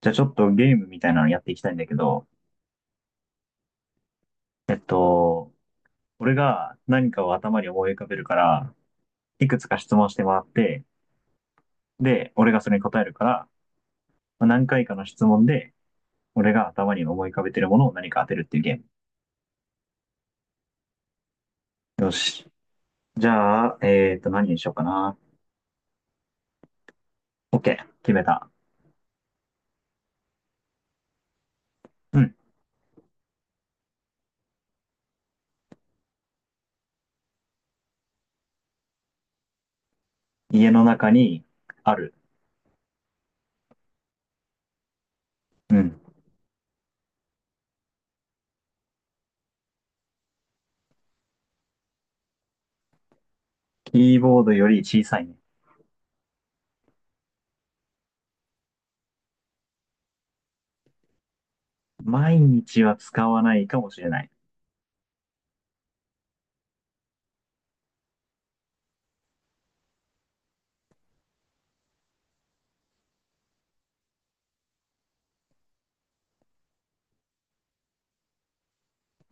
じゃあちょっとゲームみたいなのやっていきたいんだけど、えっと、俺が何かを頭に思い浮かべるから、いくつか質問してもらって、で、俺がそれに答えるから、まあ何回かの質問で、俺が頭に思い浮かべてるものを何か当てるっていうゲーム。よし。じゃあ、何にしようかな。OK。決めた。うん。家の中にある。うん。キーボードより小さいね。毎日は使わないかもしれない。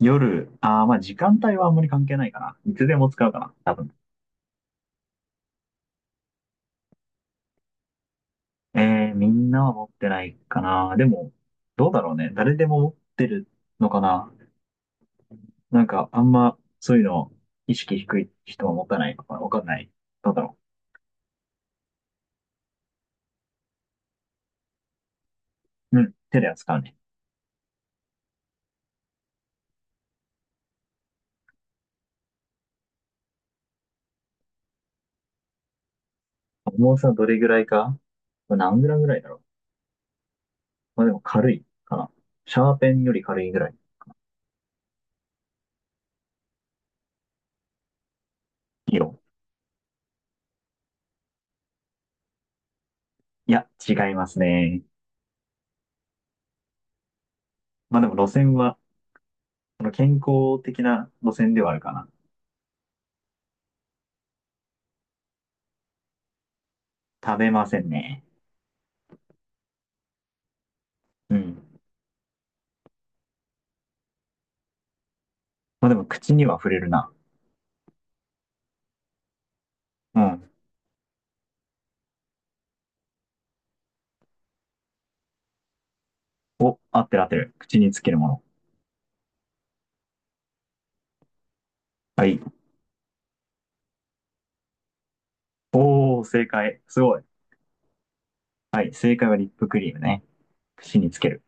夜、ああ、まあ時間帯はあんまり関係ないかな。いつでも使うかな。多分。えみんなは持ってないかな。でも、どうだろうね。誰でも持ってるのかな。なんか、あんま、そういうの、意識低い人は持たないのかな。わかんない。どうだろう。うん。手で扱うね。重さどれぐらいか、これ何グラムぐらいだろう。まあでも軽いかな。シャーペンより軽いぐらい。色いいや、違いますね。まあでも路線は、その健康的な路線ではあるかな。食べませんね。うん。まあでも口には触れるな。うん。お、合ってる合ってる。口につけるもの。はい。おー、正解。すごい。はい。正解はリップクリームね。口につける。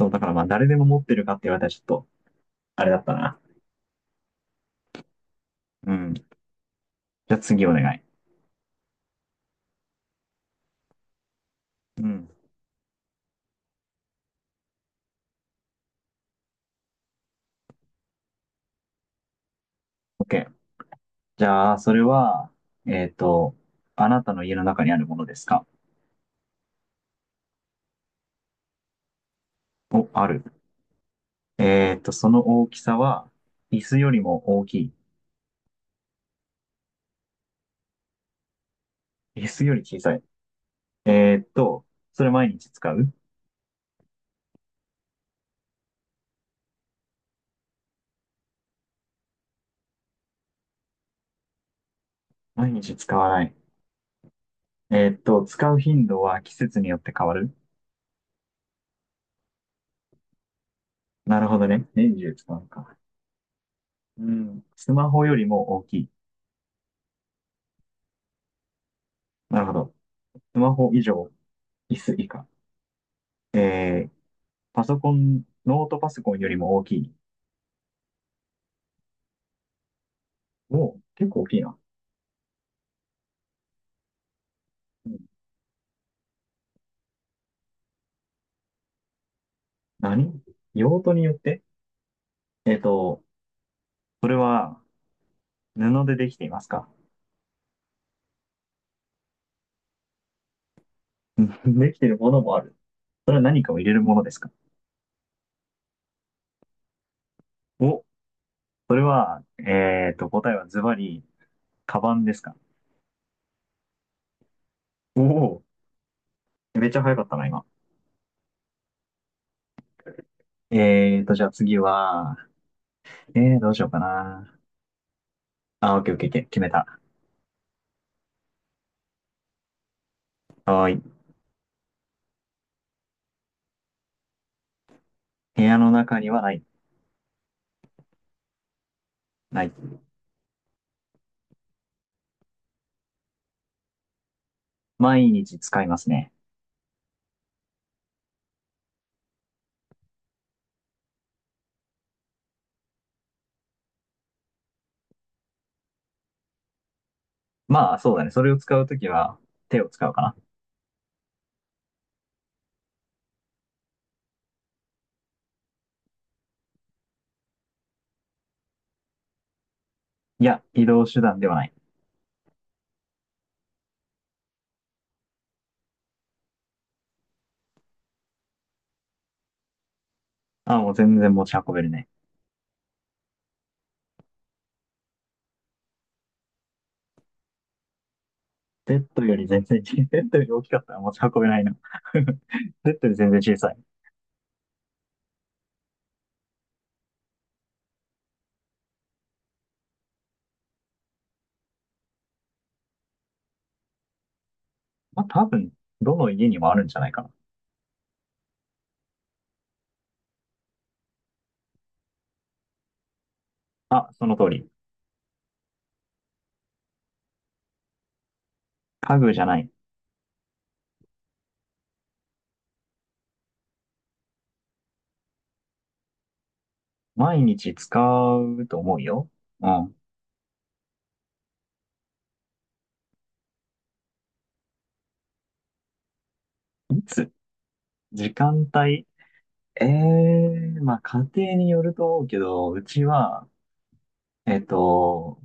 そう、だからまあ、誰でも持ってるかって言われたらちょっと、あれだったな。うん。じゃあ次お願い。うん。OK。じゃあ、それは、えっと、あなたの家の中にあるものですか？お、ある。その大きさは、椅子よりも大きい？椅子より小さい。えっと、それ毎日使う？毎日使わない。使う頻度は季節によって変わる？なるほどね。年中使うか。うん。スマホよりも大きい？なるほど。スマホ以上、椅子以下。えー、パソコン、ノートパソコンよりも大きい？もう、結構大きいな。うん。何？用途によって？えっと、それは布でできていますか？うん できているものもある。それは何かを入れるものですか？お、それは、答えはズバリ、カバンですか？お。おー、めっちゃ早かったな、今。じゃあ次は、どうしようかな。あ、オッケーオッケーオッケー、決めた。はーい。部屋の中にはない、ない。毎日使いますね。まあ、そうだね。それを使うときは手を使うかな。いや、移動手段ではない。あ、もう全然持ち運べるね。ベッドより全然、ベッドより大きかったら持ち運べないな。ベッドより全然小さい。まあ、多分、どの家にもあるんじゃないかな。あ、その通り。家具じゃない。毎日使うと思うよ。うん。いつ？時間帯？ええー、まあ、家庭によると思うけど、うちは、えっと、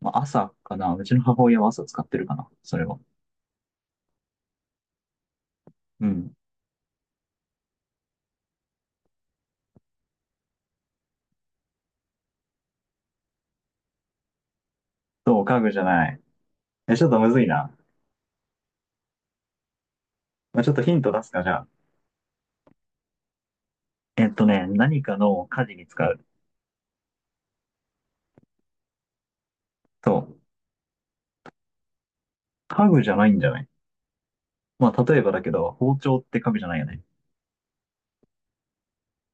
まあ朝かな。うちの母親は朝使ってるかな。それは。うん。そう、家具じゃない。え、ちょっとむずいな。まあ、ちょっとヒント出すか、じゃあ。何かの家事に使う。そう。家具じゃないんじゃない？まあ、例えばだけど、包丁って家具じゃないよね。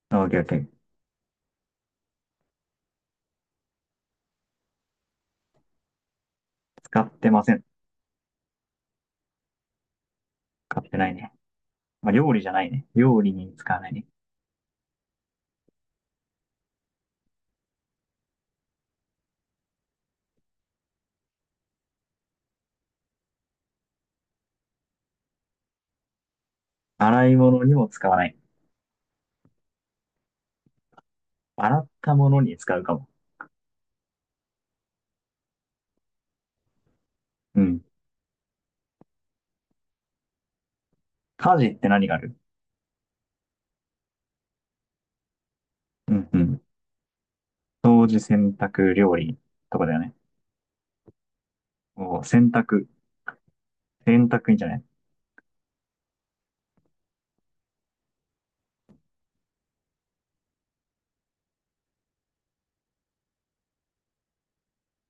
あオッケーオッケー。使ってません。使ってないね。まあ、料理じゃないね。料理に使わないね。洗い物にも使わない。洗ったものに使うかも。うん。家事って何がある？うんうん。掃除、洗濯、料理とかだよね。もう洗濯。洗濯いいんじゃない？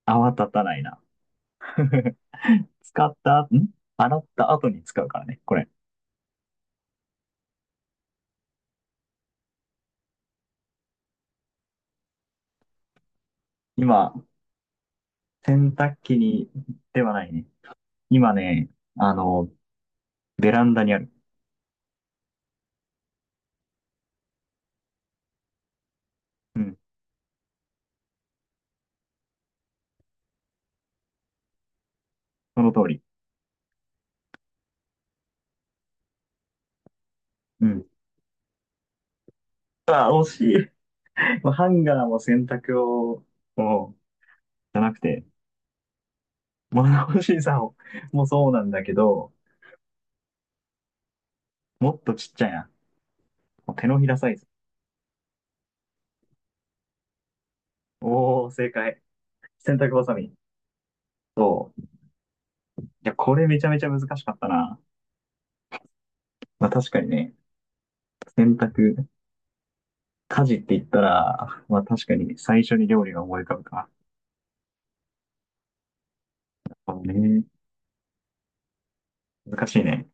泡立たないな。使った後、洗った後に使うからね、これ。今、洗濯機に、ではないね。今ね、あの、ベランダにある。うん、その通り。うん。あ、惜しい。もうハンガーも洗濯を、もう、じゃなくて、物干しさを、もうそうなんだけど、もっとちっちゃいな。もう手のひらサイズ。おー、正解。洗濯バサミ。そう。いや、これめちゃめちゃ難しかったな。まあ確かにね、洗濯家事って言ったら、まあ確かに最初に料理が思い浮かぶか。そうね。難しいね。